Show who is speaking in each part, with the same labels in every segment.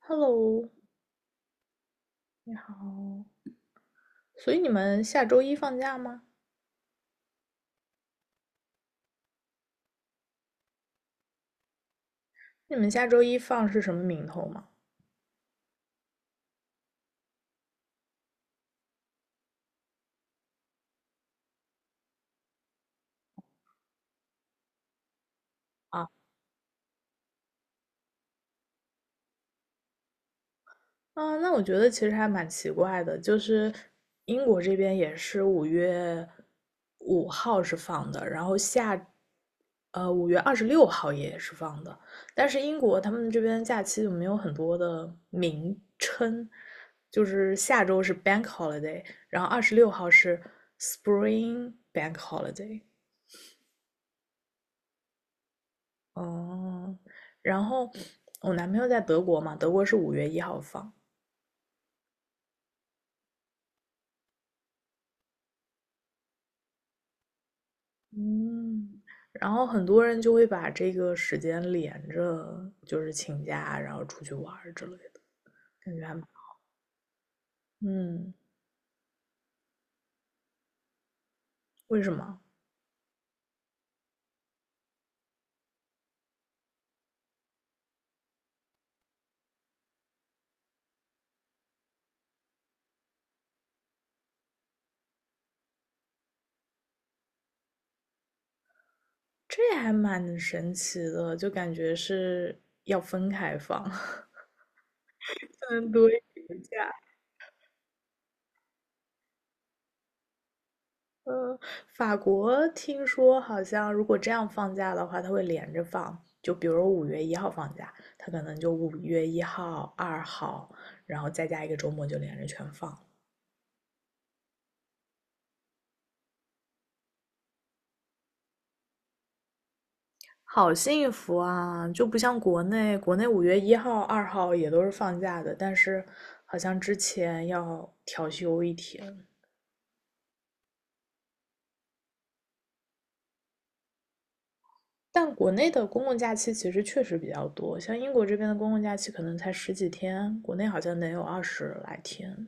Speaker 1: Hello，你好，所以你们下周一放假吗？你们下周一放是什么名头吗？啊，那我觉得其实还蛮奇怪的，就是英国这边也是5月5号是放的，然后下，5月26号也是放的，但是英国他们这边假期就没有很多的名称，就是下周是 Bank Holiday，然后二十六号是 Spring Bank Holiday。哦，然后我男朋友在德国嘛，德国是五月一号放，嗯，然后很多人就会把这个时间连着，就是请假，然后出去玩儿之类的，感觉还蛮，嗯，为什么？这还蛮神奇的，就感觉是要分开放，才能多一个假。呃，法国听说好像如果这样放假的话，它会连着放，就比如五月一号放假，它可能就五月一号、二号，然后再加一个周末就连着全放，好幸福啊！就不像国内，国内五月一号、二号也都是放假的，但是好像之前要调休一天。但国内的公共假期其实确实比较多，像英国这边的公共假期可能才十几天，国内好像能有二十来天。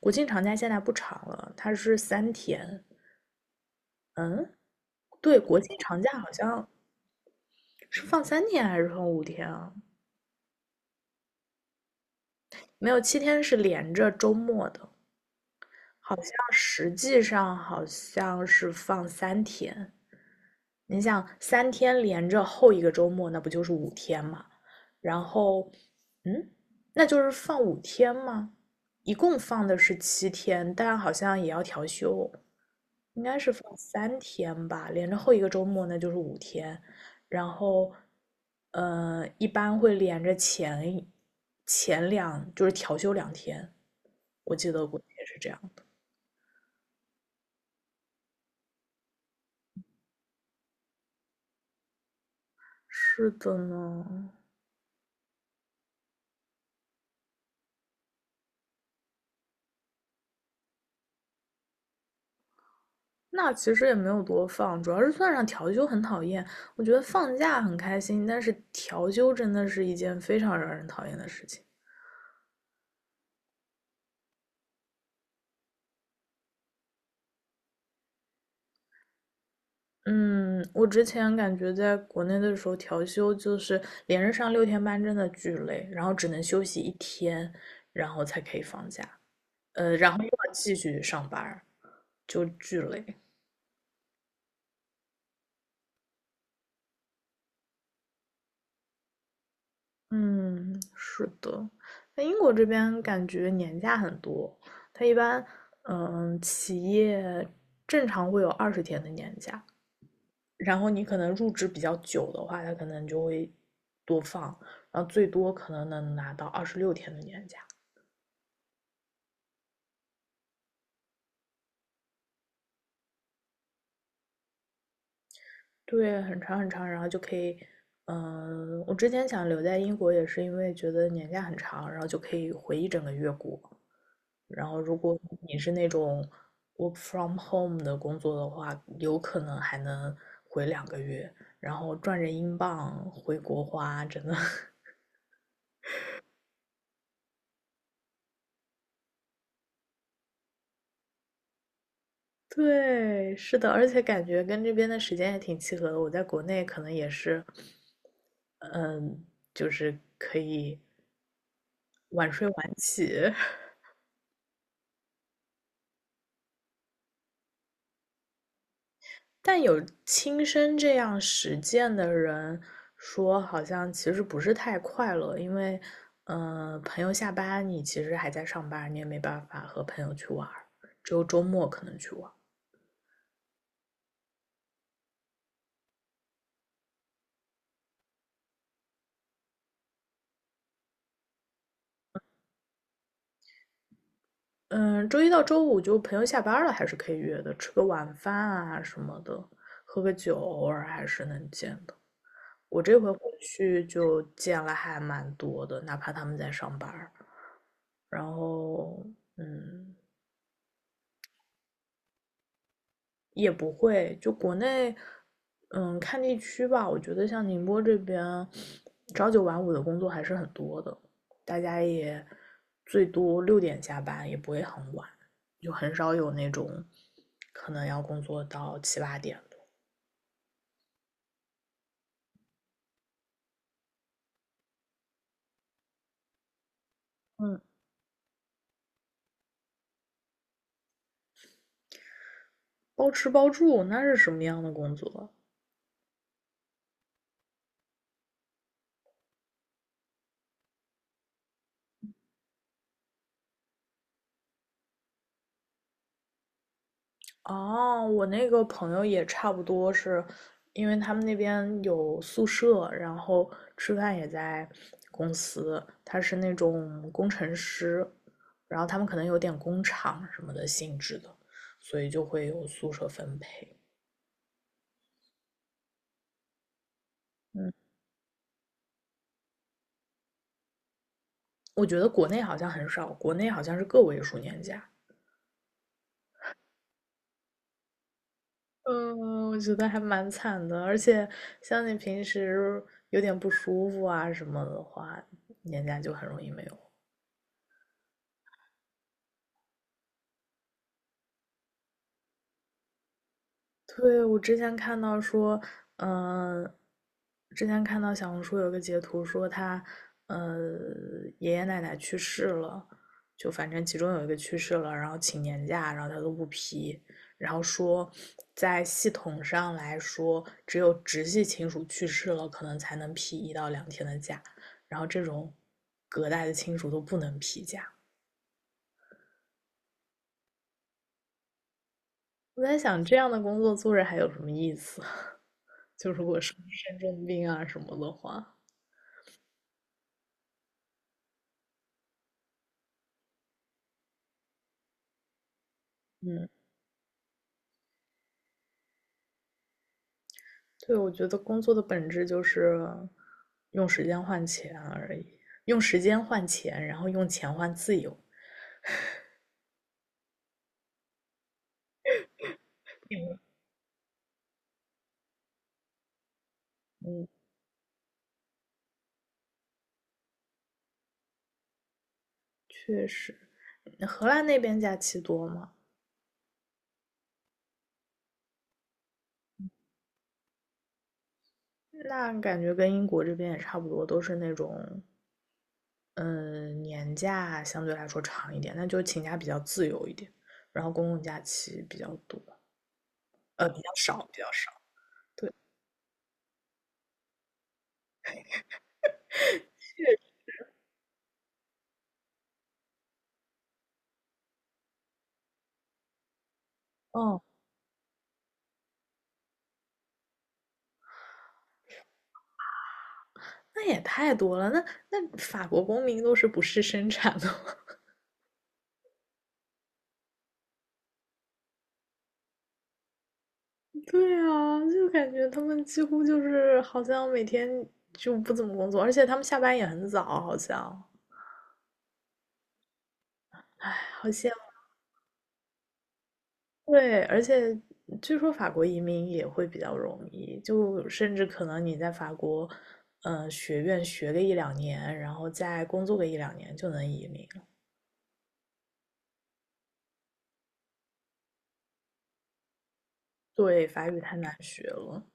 Speaker 1: 国庆长假现在不长了，它是三天。嗯，对，国庆长假好像是放三天还是放五天啊？没有，七天是连着周末的，好像实际上好像是放三天。你想三天连着后一个周末，那不就是五天嘛？然后，嗯，那就是放五天吗？一共放的是七天，但好像也要调休，应该是放三天吧，连着后一个周末那就是五天。然后，一般会连着前两，就是调休两天，我记得过也是这样的。是的呢。那其实也没有多放，主要是算上调休很讨厌。我觉得放假很开心，但是调休真的是一件非常让人讨厌的事情。嗯，我之前感觉在国内的时候，调休就是连着上六天班，真的巨累，然后只能休息一天，然后才可以放假，然后又要继续上班就巨累。嗯，是的，在英国这边感觉年假很多，它一般，嗯，企业正常会有20天的年假，然后你可能入职比较久的话，它可能就会多放，然后最多可能能拿到26天的年假。对，很长很长，然后就可以，嗯，我之前想留在英国也是因为觉得年假很长，然后就可以回一整个月国。然后如果你是那种 work from home 的工作的话，有可能还能回2个月，然后赚着英镑回国花，真的 对，是的，而且感觉跟这边的时间也挺契合的。我在国内可能也是，嗯，就是可以晚睡晚起，但有亲身这样实践的人说，好像其实不是太快乐，朋友下班你其实还在上班，你也没办法和朋友去玩儿只有周末可能去玩。嗯，周一到周五就朋友下班了，还是可以约的，吃个晚饭啊什么的，喝个酒，偶尔还是能见的。我这回回去就见了还蛮多的，哪怕他们在上班儿然后，嗯，也不会，就国内，嗯，看地区吧。我觉得像宁波这边，朝九晚五的工作还是很多的，大家也最多6点下班，也不会很晚，就很少有那种可能要工作到七八点的。嗯，包吃包住那是什么样的工作？哦，我那个朋友也差不多是，因为他们那边有宿舍，然后吃饭也在公司，他是那种工程师，然后他们可能有点工厂什么的性质的，所以就会有宿舍分配。嗯，我觉得国内好像很少，国内好像是个位数年假。嗯，我觉得还蛮惨的，而且像你平时有点不舒服啊什么的话，年假就很容易没有。对，我之前看到说，呃，之前看到小红书有个截图说他，呃，爷爷奶奶去世了，就反正其中有一个去世了，然后请年假，然后他都不批，然后说在系统上来说，只有直系亲属去世了，可能才能批1到2天的假，然后这种隔代的亲属都不能批假，我在想，这样的工作做着还有什么意思？就如果生重病啊什么的话，嗯，对，我觉得工作的本质就是用时间换钱而已，用时间换钱，然后用钱换自由。嗯，确实，荷兰那边假期多吗？那感觉跟英国这边也差不多，都是那种，嗯，年假相对来说长一点，那就请假比较自由一点，然后公共假期比较多。比较少，比较少。对，哦，那也太多了。那法国公民都是不是生产的吗？对啊，就感觉他们几乎就是好像每天就不怎么工作，而且他们下班也很早，好像好像对，而且据说法国移民也会比较容易，就甚至可能你在法国，学院学个一两年，然后再工作个一两年就能移民了对，法语太难学了。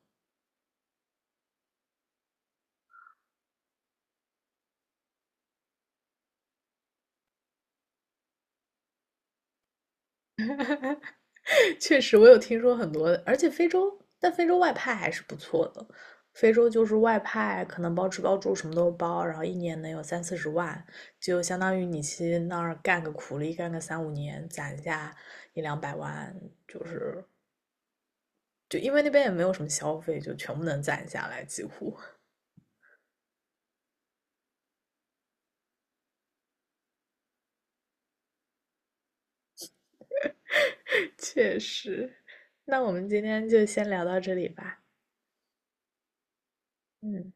Speaker 1: 确实，我有听说很多，而且非洲，但非洲外派还是不错的。非洲就是外派，可能包吃包住什么都包，然后一年能有三四十万，就相当于你去那儿干个苦力，干个三五年，攒下一两百万，就是就因为那边也没有什么消费，就全部能攒下来，几乎。确实，那我们今天就先聊到这里吧。嗯。